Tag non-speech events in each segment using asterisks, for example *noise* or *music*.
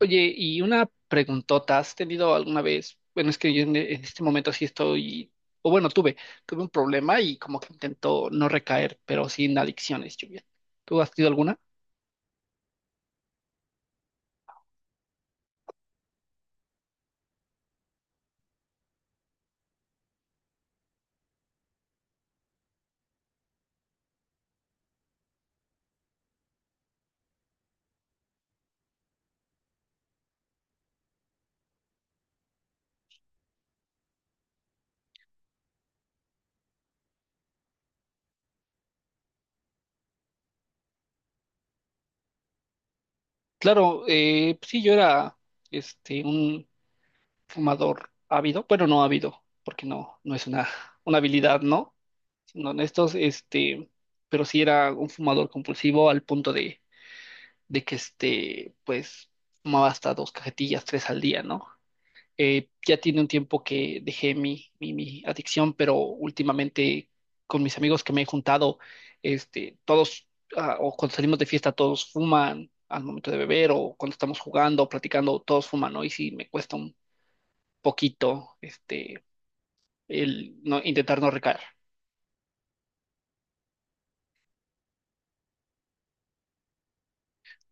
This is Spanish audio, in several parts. Oye, y una preguntota, ¿has tenido alguna vez? Bueno, es que yo en este momento sí estoy, o bueno, tuve, tuve un problema y como que intento no recaer, pero sin adicciones, Julián. ¿Tú has tenido alguna? Claro, pues sí, yo era un fumador ávido, bueno, no ávido, porque no es una habilidad, ¿no? Siendo honestos, pero sí era un fumador compulsivo al punto de que pues, fumaba hasta dos cajetillas, tres al día, ¿no? Ya tiene un tiempo que dejé mi adicción, pero últimamente con mis amigos que me he juntado, todos, ah, o cuando salimos de fiesta, todos fuman al momento de beber, o cuando estamos jugando, o platicando, todos fuman, ¿no? Y sí, me cuesta un poquito, el no, intentar no recaer.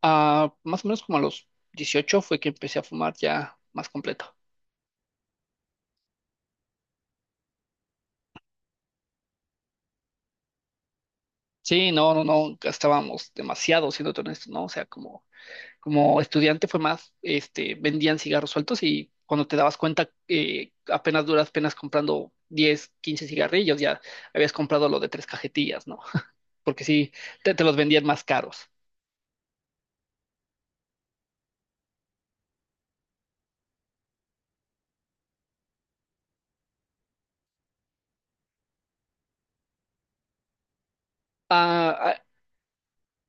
Ah, más o menos como a los 18 fue que empecé a fumar ya más completo. Sí, no, no, no, gastábamos demasiado, siendo honesto, ¿no? O sea, como estudiante fue más, vendían cigarros sueltos y cuando te dabas cuenta, apenas duras penas comprando 10 15 cigarrillos, ya habías comprado lo de tres cajetillas, ¿no? Porque sí, te los vendían más caros. A, a-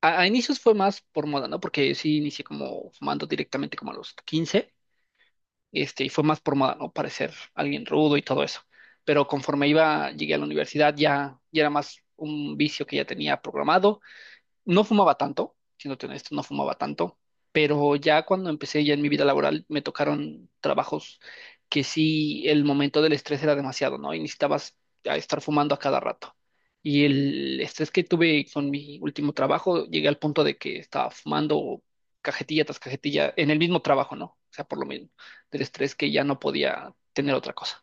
a inicios fue más por moda, ¿no? Porque sí inicié como fumando directamente como a los 15 y fue más por moda, ¿no? Parecer alguien rudo y todo eso. Pero conforme iba, llegué a la universidad, ya era más un vicio que ya tenía programado, no fumaba tanto, siéndote honesto, no fumaba tanto, pero ya cuando empecé ya en mi vida laboral me tocaron trabajos que sí el momento del estrés era demasiado, ¿no? Y necesitabas a estar fumando a cada rato. Y el estrés que tuve con mi último trabajo, llegué al punto de que estaba fumando cajetilla tras cajetilla en el mismo trabajo, ¿no? O sea, por lo mismo, del estrés que ya no podía tener otra cosa.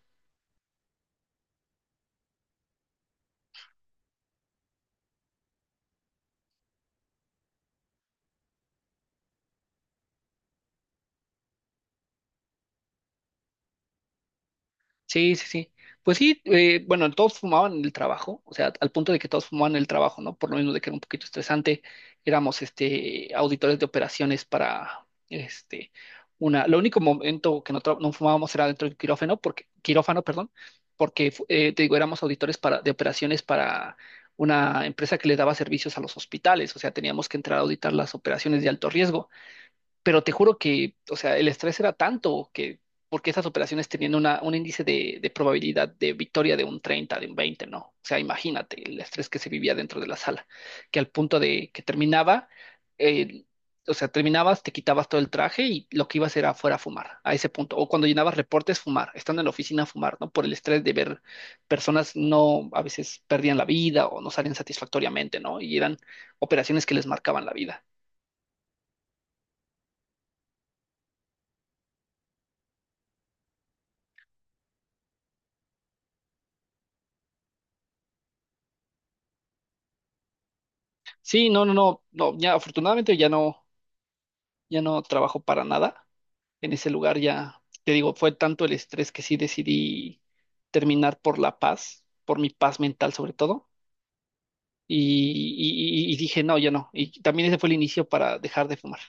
Sí, sí, sí. Pues sí, bueno, todos fumaban en el trabajo, o sea, al punto de que todos fumaban en el trabajo, ¿no? Por lo menos de que era un poquito estresante, éramos auditores de operaciones para una. Lo único momento que no, no fumábamos era dentro del quirófano, porque, quirófano, perdón, porque te digo, éramos auditores para, de operaciones para una empresa que le daba servicios a los hospitales, o sea, teníamos que entrar a auditar las operaciones de alto riesgo, pero te juro que, o sea, el estrés era tanto que, porque esas operaciones tenían una, un índice de probabilidad de victoria de un 30, de un 20, ¿no? O sea, imagínate el estrés que se vivía dentro de la sala, que al punto de que terminaba, eh, o sea, terminabas, te quitabas todo el traje y lo que ibas era fuera a fumar, a ese punto. O cuando llenabas reportes, fumar, estando en la oficina, fumar, ¿no? Por el estrés de ver personas no, a veces perdían la vida o no salían satisfactoriamente, ¿no? Y eran operaciones que les marcaban la vida. Sí, no, no, no, no, ya afortunadamente ya no, ya no trabajo para nada en ese lugar, ya te digo, fue tanto el estrés que sí decidí terminar por la paz, por mi paz mental sobre todo, y, y dije, no, ya no, y también ese fue el inicio para dejar de fumar.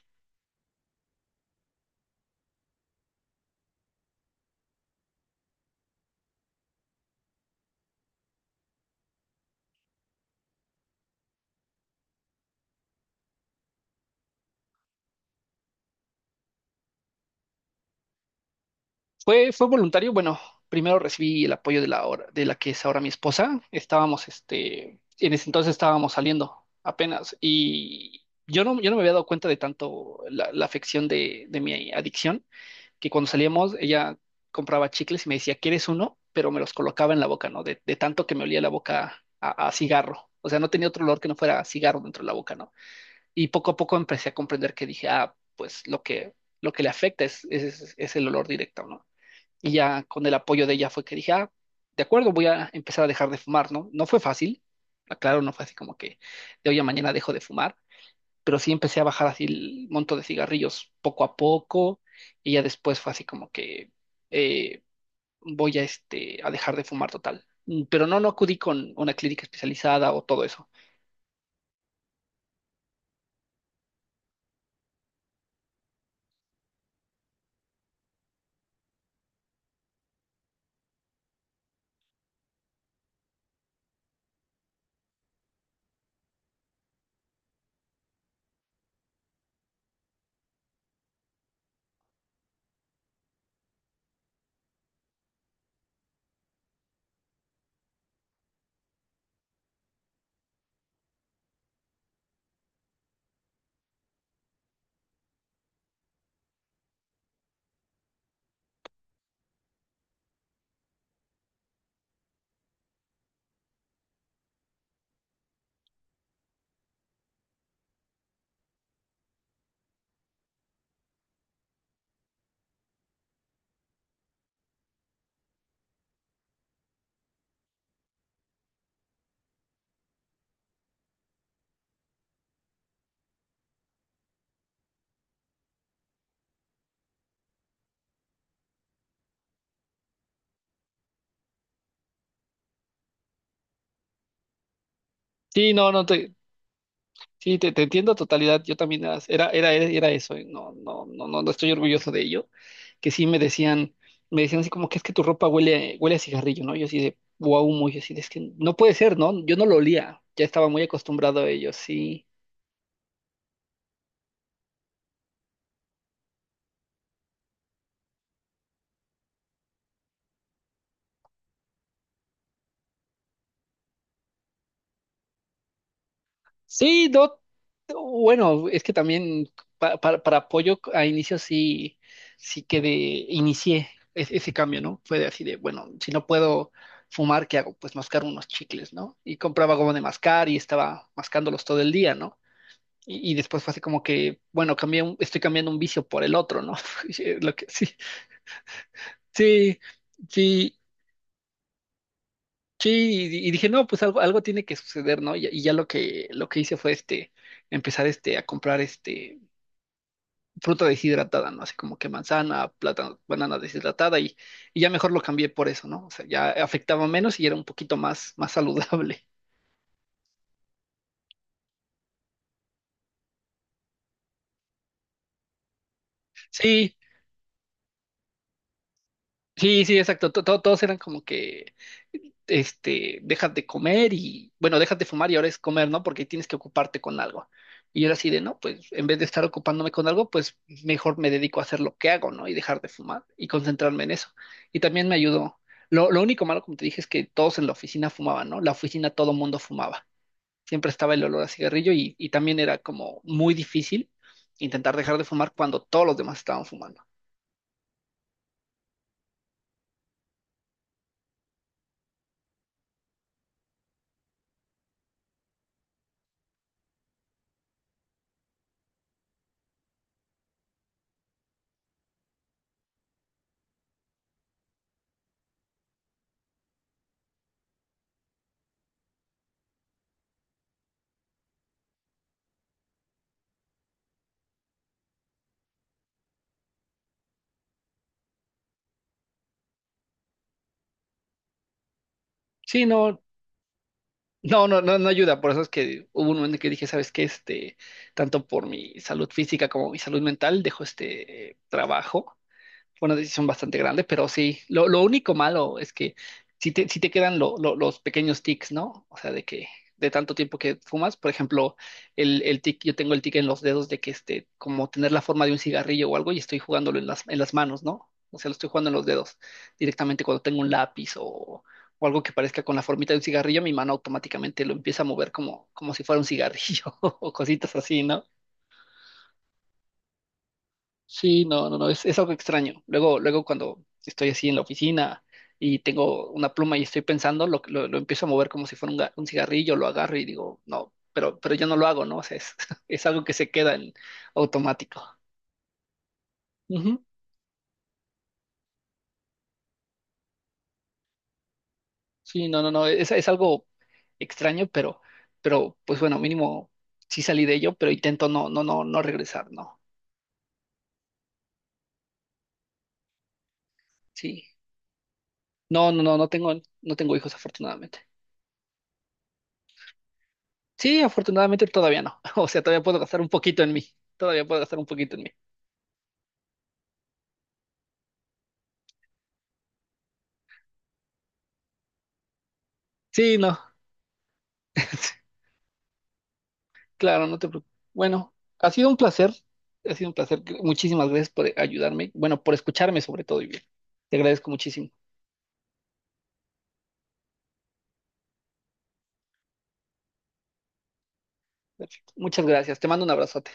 Fue, fue voluntario, bueno, primero recibí el apoyo de de la que es ahora mi esposa, estábamos, en ese entonces estábamos saliendo apenas, y yo no, yo no me había dado cuenta de tanto la, la afección de mi adicción que cuando salíamos ella compraba chicles y me decía, ¿quieres uno? Pero me los colocaba en la boca, ¿no? De tanto que me olía la boca a cigarro. O sea, no tenía otro olor que no fuera cigarro dentro de la boca, ¿no? Y poco a poco empecé a comprender que dije, ah, pues lo que le afecta es el olor directo, ¿no? Y ya con el apoyo de ella fue que dije, ah, de acuerdo, voy a empezar a dejar de fumar, ¿no? No fue fácil, claro, no fue así como que de hoy a mañana dejo de fumar, pero sí empecé a bajar así el monto de cigarrillos poco a poco y ya después fue así como que eh, voy a, a dejar de fumar total. Pero no, no acudí con una clínica especializada o todo eso. Sí, no, no te, sí, te entiendo a totalidad. Yo también era eso. No, no, no, no, no estoy orgulloso de ello. Que sí me decían así como que es que tu ropa huele, huele a cigarrillo, ¿no? Yo así de wow, muy así de, es que no puede ser, ¿no? Yo no lo olía. Ya estaba muy acostumbrado a ello, sí. Sí, no, bueno, es que también para apoyo a inicio sí, sí que inicié ese cambio, ¿no? Fue de así de, bueno, si no puedo fumar, ¿qué hago? Pues mascar unos chicles, ¿no? Y compraba goma de mascar y estaba mascándolos todo el día, ¿no? Y después fue así como que, bueno, estoy cambiando un vicio por el otro, ¿no? *laughs* Sí, lo que, sí, sí, sí, sí, y dije, no, pues algo, algo tiene que suceder, ¿no? Y ya lo que hice fue empezar a comprar fruta deshidratada, ¿no? Así como que manzana, plátano, banana deshidratada y ya mejor lo cambié por eso, ¿no? O sea, ya afectaba menos y era un poquito más, más saludable. *laughs* Sí, sí, sí, exacto. Todos eran como que, dejas de comer y, bueno, dejas de fumar y ahora es comer, ¿no? Porque tienes que ocuparte con algo. Y yo era así de, no, pues en vez de estar ocupándome con algo, pues mejor me dedico a hacer lo que hago, ¿no? Y dejar de fumar y concentrarme en eso. Y también me ayudó. Lo único malo, como te dije, es que todos en la oficina fumaban, ¿no? La oficina todo mundo fumaba. Siempre estaba el olor a cigarrillo y también era como muy difícil intentar dejar de fumar cuando todos los demás estaban fumando. Sí, no, no, no, no, no ayuda. Por eso es que hubo un momento en que dije, ¿sabes qué? Tanto por mi salud física como mi salud mental, dejo este trabajo. Bueno, sí son bastante grandes, pero sí, lo único malo es que si te, sí te quedan los pequeños tics, ¿no? O sea, de que de tanto tiempo que fumas, por ejemplo, el tic, yo tengo el tic en los dedos de que como tener la forma de un cigarrillo o algo y estoy jugándolo en las manos, ¿no? O sea, lo estoy jugando en los dedos directamente cuando tengo un lápiz o algo que parezca con la formita de un cigarrillo, mi mano automáticamente lo empieza a mover como, como si fuera un cigarrillo *laughs* o cositas así, ¿no? Sí, no, no, no, es algo extraño. Luego, luego cuando estoy así en la oficina y tengo una pluma y estoy pensando, lo empiezo a mover como si fuera un, un cigarrillo, lo agarro y digo, no, pero yo no lo hago, ¿no? O sea, es, *laughs* es algo que se queda en automático. Ujú. Sí, no, no, no, es algo extraño, pero pues bueno, mínimo sí salí de ello, pero intento no, no, no, no regresar, ¿no? Sí. No, no, no tengo, no tengo hijos, afortunadamente. Sí, afortunadamente todavía no. *laughs* O sea, todavía puedo gastar un poquito en mí. Todavía puedo gastar un poquito en mí. Sí, no. *laughs* Claro, no te preocupes. Bueno, ha sido un placer. Ha sido un placer. Muchísimas gracias por ayudarme. Bueno, por escucharme sobre todo. Y bien. Te agradezco muchísimo. Perfecto. Muchas gracias. Te mando un abrazote.